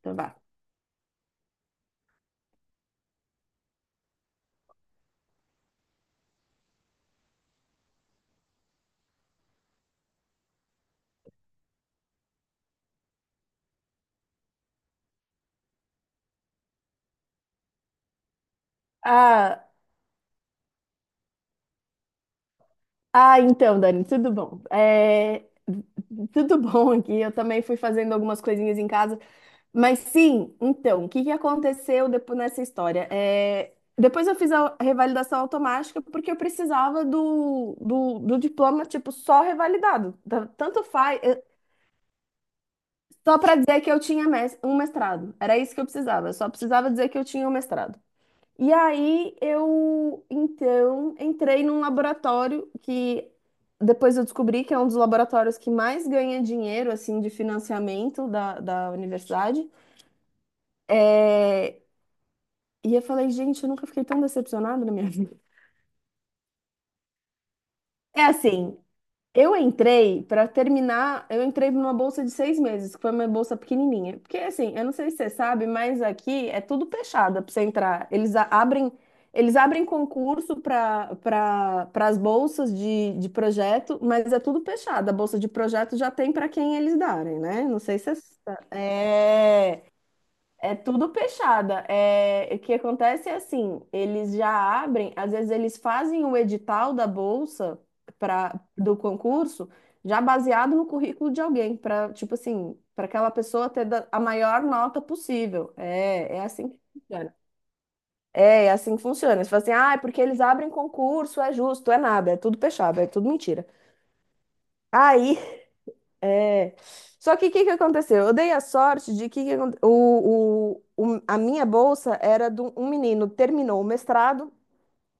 Então vá. Ah, então, Dani, tudo bom? Tudo bom aqui. Eu também fui fazendo algumas coisinhas em casa. Mas sim, então, o que que aconteceu depois nessa história? Depois eu fiz a revalidação automática porque eu precisava do diploma, tipo, só revalidado. Tanto faz, só para dizer que eu tinha um mestrado. Era isso que eu precisava. Eu só precisava dizer que eu tinha um mestrado. E aí eu então entrei num laboratório que depois eu descobri que é um dos laboratórios que mais ganha dinheiro assim de financiamento da universidade. É, E eu falei, gente, eu nunca fiquei tão decepcionada na minha vida. É assim, eu entrei para terminar, eu entrei numa bolsa de seis meses, que foi uma bolsa pequenininha. Porque assim, eu não sei se você sabe, mas aqui é tudo fechado para você entrar. Eles abrem concurso para as bolsas de projeto, mas é tudo fechado. A bolsa de projeto já tem para quem eles darem, né? Não sei se você é tudo fechada. É, o que acontece é assim, eles já abrem, às vezes eles fazem o edital da bolsa para do concurso já baseado no currículo de alguém, para tipo assim, para aquela pessoa ter a maior nota possível. É, é assim que funciona. É, é assim que funciona. Você fala assim, ah, é porque eles abrem concurso, é justo, é nada, é tudo fechado, é tudo mentira. Aí É. Só que o que que aconteceu? Eu dei a sorte de que a minha bolsa era de um menino que terminou o mestrado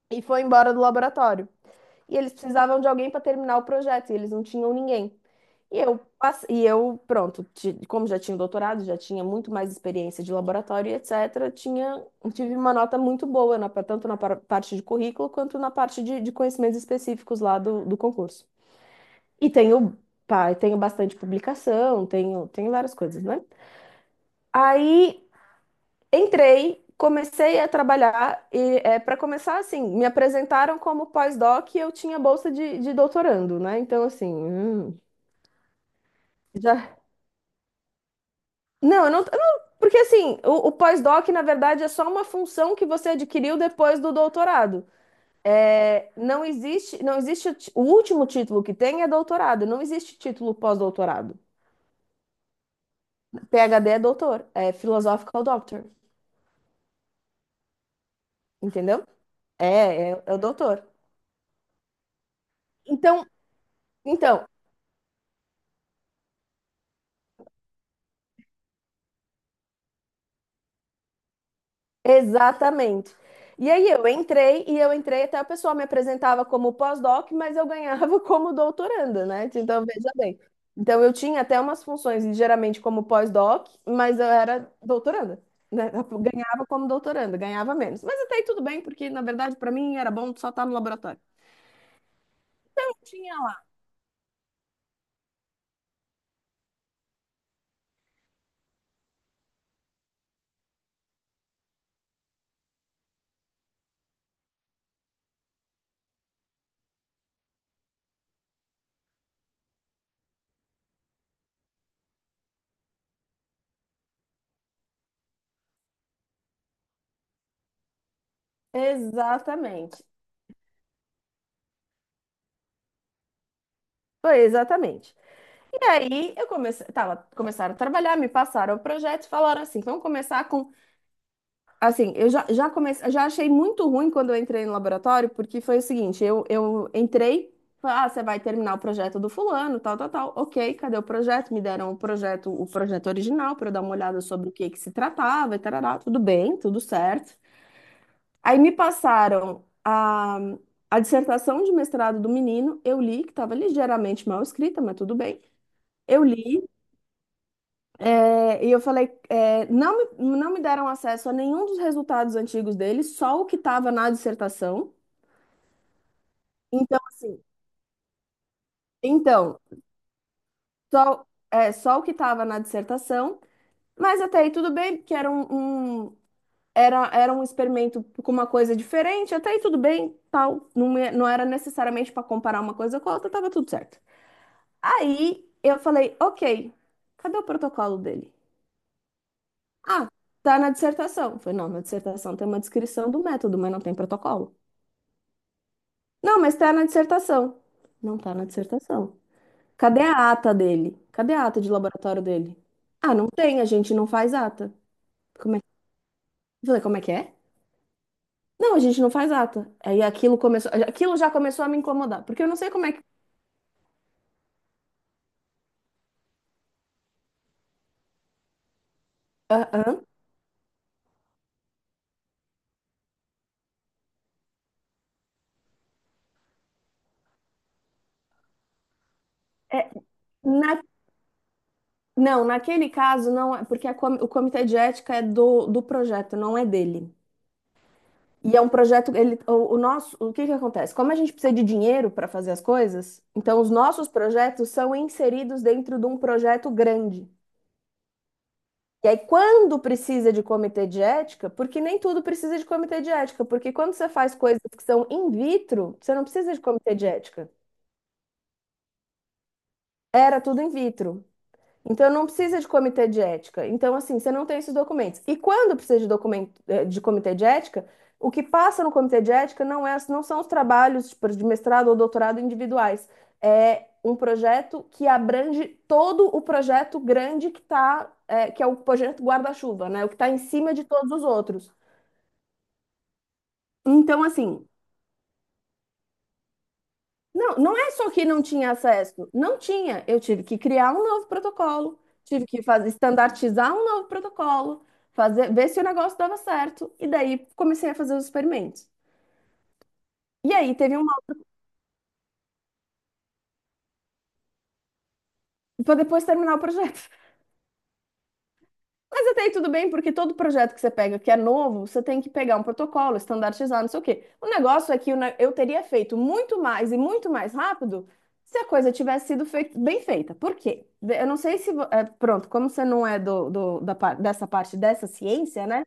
e foi embora do laboratório. E eles precisavam de alguém para terminar o projeto, e eles não tinham ninguém. E eu pronto, como já tinha doutorado, já tinha muito mais experiência de laboratório, etc., tive uma nota muito boa, tanto na parte de currículo quanto na parte de conhecimentos específicos lá do concurso. E tenho, pá, eu tenho bastante publicação, tenho várias coisas, né? Aí entrei, comecei a trabalhar para começar assim, me apresentaram como pós-doc e eu tinha bolsa de doutorando, né? Então assim, já não, eu porque assim, o pós-doc na verdade é só uma função que você adquiriu depois do doutorado. É, não existe, não existe o último título que tem é doutorado, não existe título pós-doutorado. PhD é doutor, é philosophical doctor. Entendeu? É, é o doutor. Então, então, exatamente. E aí eu entrei, e eu entrei até o pessoal me apresentava como pós-doc, mas eu ganhava como doutoranda, né? Então, veja bem. Então, eu tinha até umas funções, ligeiramente como pós-doc, mas eu era doutoranda, né? Eu ganhava como doutoranda, ganhava menos. Mas até aí tudo bem, porque na verdade para mim era bom só estar no laboratório. Tinha lá. Exatamente. Foi exatamente. E aí eu comecei, tava, começaram a trabalhar, me passaram o projeto e falaram assim, vamos começar com, assim, eu já, já comecei, já achei muito ruim quando eu entrei no laboratório, porque foi o seguinte, eu entrei, falei, ah, você vai terminar o projeto do fulano, tal, tal, tal, ok, cadê o projeto? Me deram o projeto original para eu dar uma olhada sobre o que que se tratava, e tarará, tudo bem, tudo certo. Aí me passaram a dissertação de mestrado do menino, eu li, que estava ligeiramente mal escrita, mas tudo bem. Eu li. É, e eu falei, é, não me, Não me deram acesso a nenhum dos resultados antigos dele, só o que estava na dissertação. Então, assim, então, só, só o que estava na dissertação, mas até aí tudo bem, porque um- era um experimento com uma coisa diferente, até aí tudo bem, tal, não era necessariamente para comparar uma coisa com a outra, estava tudo certo. Aí eu falei, ok, cadê o protocolo dele? Ah, tá na dissertação. Eu falei, não, na dissertação tem uma descrição do método, mas não tem protocolo. Não, mas tá na dissertação. Não tá na dissertação. Cadê a ata dele? Cadê a ata de laboratório dele? Ah, não tem, a gente não faz ata. Como é... Eu falei, como é que é? Não, a gente não faz ata. Aí aquilo começou, aquilo já começou a me incomodar, porque eu não sei como é que. Ah, hã? Na- Não, naquele caso não é, porque a o comitê de ética é do projeto, não é dele. O nosso, o que que acontece? Como a gente precisa de dinheiro para fazer as coisas, então os nossos projetos são inseridos dentro de um projeto grande. E aí, quando precisa de comitê de ética, porque nem tudo precisa de comitê de ética, porque quando você faz coisas que são in vitro, você não precisa de comitê de ética. Era tudo in vitro. Então não precisa de comitê de ética. Então, assim, você não tem esses documentos. E quando precisa de documento, de comitê de ética, o que passa no comitê de ética não é, não são os trabalhos, tipo, de mestrado ou doutorado individuais. É um projeto que abrange todo o projeto grande que tá, que é o projeto guarda-chuva, né? O que está em cima de todos os outros. Então, assim, não, não é só que não tinha acesso. Não tinha. Eu tive que criar um novo protocolo, tive que fazer, estandartizar um novo protocolo, fazer, ver se o negócio dava certo. E daí comecei a fazer os experimentos. E aí teve uma. Para depois terminar o projeto. Mas até aí tudo bem, porque todo projeto que você pega que é novo, você tem que pegar um protocolo, estandardizar, não sei o quê. O negócio é que eu teria feito muito mais e muito mais rápido se a coisa tivesse sido bem feita. Por quê? Eu não sei se. Pronto, como você não é dessa parte dessa ciência, né?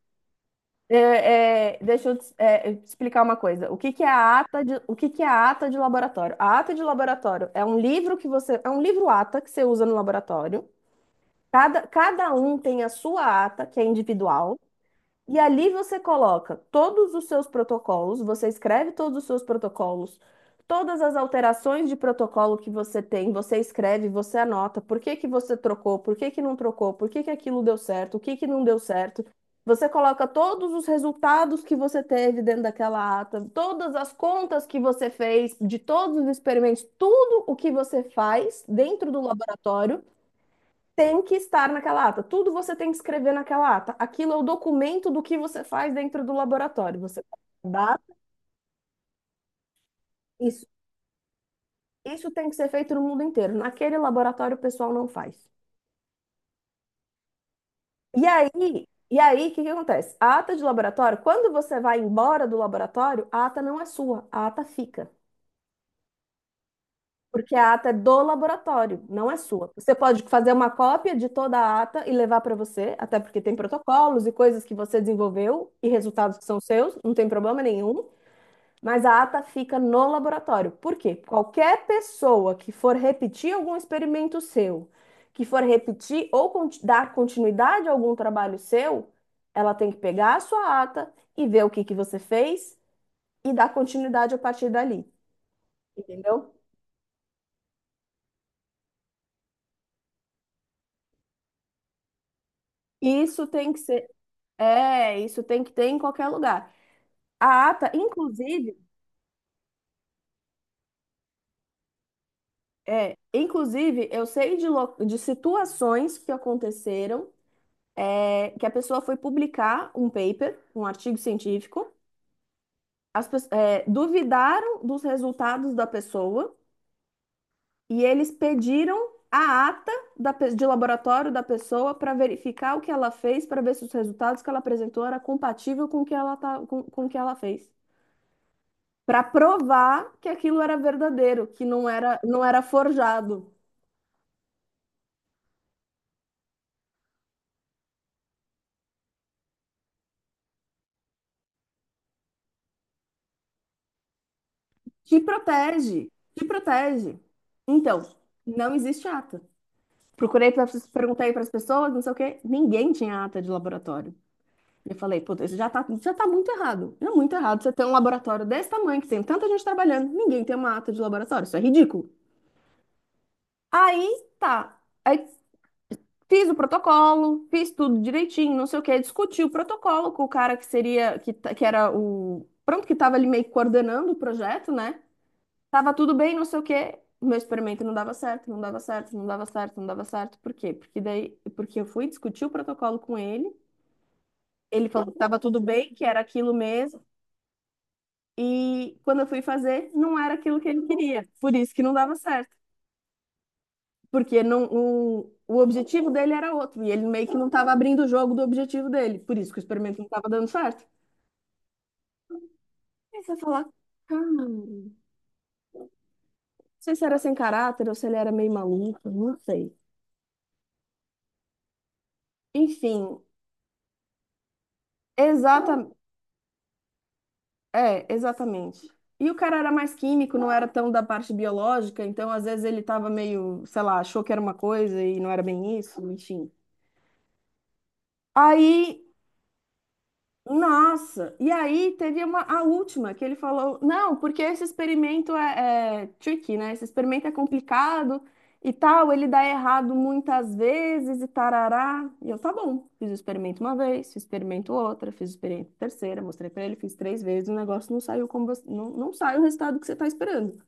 É, é, deixa eu te- é, Te explicar uma coisa. O que que é a ata de laboratório? A ata de laboratório é um livro que você. É um livro ata que você usa no laboratório. Cada um tem a sua ata, que é individual, e ali você coloca todos os seus protocolos, você escreve todos os seus protocolos, todas as alterações de protocolo que você tem, você escreve, você anota por que que você trocou, por que que não trocou, por que que aquilo deu certo, o que que não deu certo. Você coloca todos os resultados que você teve dentro daquela ata, todas as contas que você fez, de todos os experimentos, tudo o que você faz dentro do laboratório tem que estar naquela ata. Tudo você tem que escrever naquela ata. Aquilo é o documento do que você faz dentro do laboratório. Você dá isso. Isso tem que ser feito no mundo inteiro. Naquele laboratório o pessoal não faz. E aí, e aí, o que que acontece? A ata de laboratório, quando você vai embora do laboratório, a ata não é sua, a ata fica. Porque a ata é do laboratório, não é sua. Você pode fazer uma cópia de toda a ata e levar para você, até porque tem protocolos e coisas que você desenvolveu e resultados que são seus, não tem problema nenhum. Mas a ata fica no laboratório. Por quê? Qualquer pessoa que for repetir algum experimento seu, que for repetir ou conti- dar continuidade a algum trabalho seu, ela tem que pegar a sua ata e ver o que que você fez e dar continuidade a partir dali. Entendeu? Isso tem que ser, isso tem que ter em qualquer lugar. A ata, inclusive, é, Inclusive, eu sei de situações que aconteceram que a pessoa foi publicar um paper, um artigo científico, duvidaram dos resultados da pessoa e eles pediram a ata da de laboratório da pessoa para verificar o que ela fez, para ver se os resultados que ela apresentou era compatível com o que ela, tá, com o que ela fez. Para provar que aquilo era verdadeiro, que não era, não era forjado. Te protege, te protege. Então, não existe ata. Procurei para perguntei para as pessoas, não sei o quê, ninguém tinha ata de laboratório. Eu falei, puta, isso já tá muito errado. É muito errado você ter um laboratório desse tamanho, que tem tanta gente trabalhando, ninguém tem uma ata de laboratório, isso é ridículo. Aí tá. Aí fiz o protocolo, fiz tudo direitinho, não sei o quê, discuti o protocolo com o cara que seria, que, ta- que era o, pronto, que estava ali meio que coordenando o projeto, né? Tava tudo bem, não sei o quê. O Meu experimento não dava certo, não dava certo, não dava certo, não dava certo. Por quê? Porque eu fui discutir o protocolo com ele. Ele falou que tava tudo bem, que era aquilo mesmo. E quando eu fui fazer, não era aquilo que ele queria. Por isso que não dava certo. Porque não, o, O objetivo dele era outro. E ele meio que não tava abrindo o jogo do objetivo dele. Por isso que o experimento não estava dando certo. Aí você vai falar, cara, não sei se era sem caráter ou se ele era meio maluco, não sei. Enfim, exatamente. É, exatamente. E o cara era mais químico, não era tão da parte biológica, então às vezes ele tava meio, sei lá, achou que era uma coisa e não era bem isso, enfim. Aí nossa! E aí teve uma, a última que ele falou, não, porque esse experimento é tricky, né? Esse experimento é complicado e tal, ele dá errado muitas vezes e tarará. E eu, tá bom, fiz o experimento uma vez, fiz o experimento outra, fiz o experimento terceira, mostrei pra ele, fiz três vezes, o negócio não saiu como você, não sai o resultado que você tá esperando.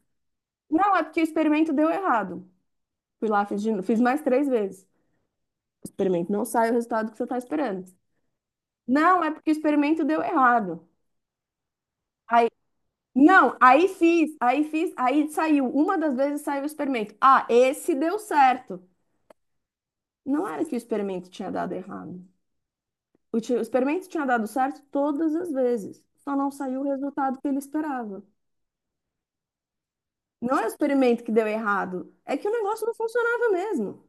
Não, é porque o experimento deu errado. Fui lá, fiz, de novo, fiz mais três vezes. O experimento não sai o resultado que você tá esperando. Não, é porque o experimento deu errado. Não, aí fiz, aí saiu. Uma das vezes saiu o experimento. Ah, esse deu certo. Não era que o experimento tinha dado errado. O experimento tinha dado certo todas as vezes. Só não saiu o resultado que ele esperava. Não é o experimento que deu errado, é que o negócio não funcionava mesmo.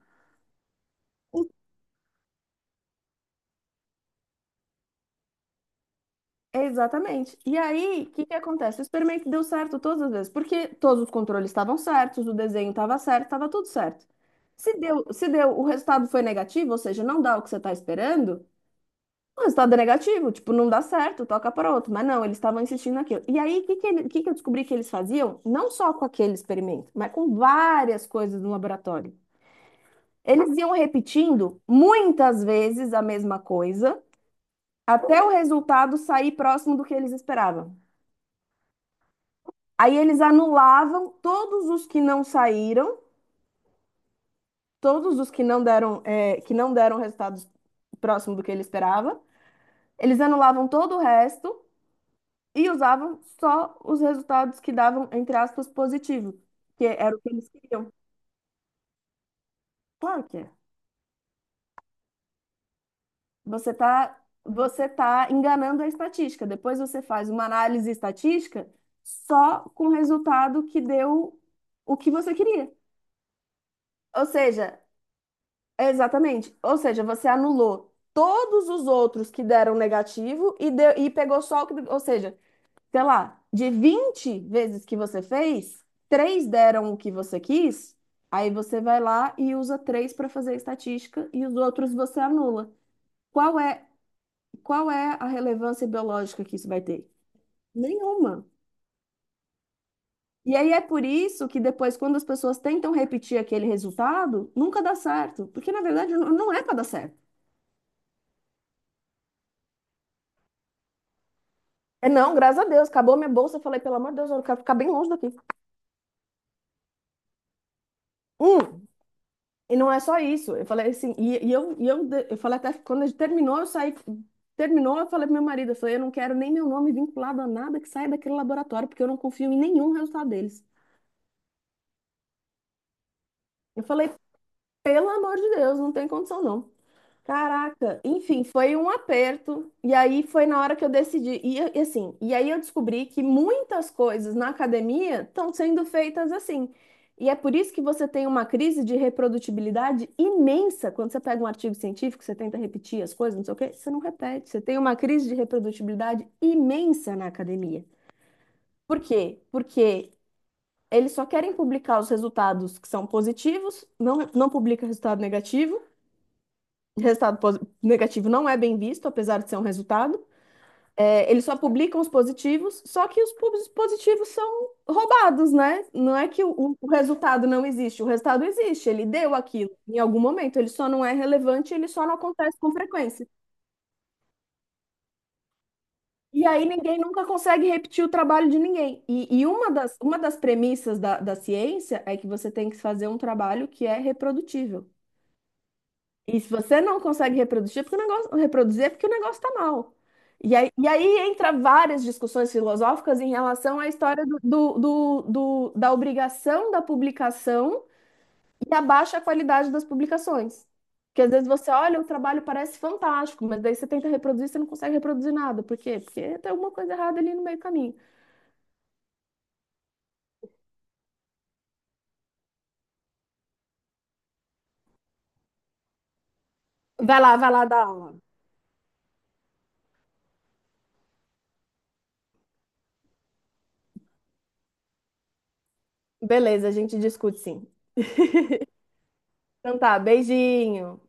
Exatamente. E aí, o que que acontece? O experimento deu certo todas as vezes, porque todos os controles estavam certos, o desenho estava certo, estava tudo certo. Se deu, o resultado foi negativo, ou seja, não dá o que você está esperando. Ah, o resultado é negativo, tipo, não dá certo, toca para outro. Mas não, eles estavam insistindo naquilo. E aí, o que que eu descobri que eles faziam? Não só com aquele experimento, mas com várias coisas no laboratório. Eles iam repetindo muitas vezes a mesma coisa, até o resultado sair próximo do que eles esperavam. Aí eles anulavam todos os que não saíram, todos os que não deram, que não deram resultados próximo do que ele esperava. Eles anulavam todo o resto e usavam só os resultados que davam, entre aspas, positivo, que era o que eles queriam. Claro que é. Você tá enganando a estatística. Depois você faz uma análise estatística só com o resultado que deu o que você queria. Ou seja, exatamente. Ou seja, você anulou todos os outros que deram negativo e pegou só o que. Ou seja, sei lá, de 20 vezes que você fez, três deram o que você quis, aí você vai lá e usa três para fazer a estatística e os outros você anula. Qual é, qual é a relevância biológica que isso vai ter? Nenhuma. E aí é por isso que depois, quando as pessoas tentam repetir aquele resultado, nunca dá certo. Porque, na verdade, não é para dar certo. É não, graças a Deus, acabou minha bolsa. Eu falei, pelo amor de Deus, eu quero ficar bem longe daqui. Hum, E não é só isso. Eu falei assim, eu falei até que quando a gente terminou, eu saí, terminou, eu falei pro meu marido, eu falei, eu não quero nem meu nome vinculado a nada que saia daquele laboratório, porque eu não confio em nenhum resultado deles. Eu falei, pelo amor de Deus, não tem condição não. Caraca, enfim, foi um aperto. E aí foi na hora que eu decidi. E aí eu descobri que muitas coisas na academia estão sendo feitas assim. E é por isso que você tem uma crise de reprodutibilidade imensa. Quando você pega um artigo científico, você tenta repetir as coisas, não sei o quê, você não repete. Você tem uma crise de reprodutibilidade imensa na academia. Por quê? Porque eles só querem publicar os resultados que são positivos, não publica resultado negativo. Negativo não é bem visto, apesar de ser um resultado. É, eles só publicam os positivos, só que os positivos são roubados, né? Não é que o resultado não existe, o resultado existe, ele deu aquilo em algum momento, ele só não é relevante, ele só não acontece com frequência. E aí ninguém nunca consegue repetir o trabalho de ninguém. E uma das premissas da ciência é que você tem que fazer um trabalho que é reprodutível. E se você não consegue reproduzir, é porque o negócio, reproduzir é porque o negócio está mal. E aí entra várias discussões filosóficas em relação à história da obrigação da publicação e a baixa qualidade das publicações. Porque às vezes você olha, o trabalho parece fantástico, mas daí você tenta reproduzir, você não consegue reproduzir nada. Por quê? Porque tem alguma coisa errada ali no meio do caminho. Vai lá dar aula. Beleza, a gente discute sim. Então tá, beijinho.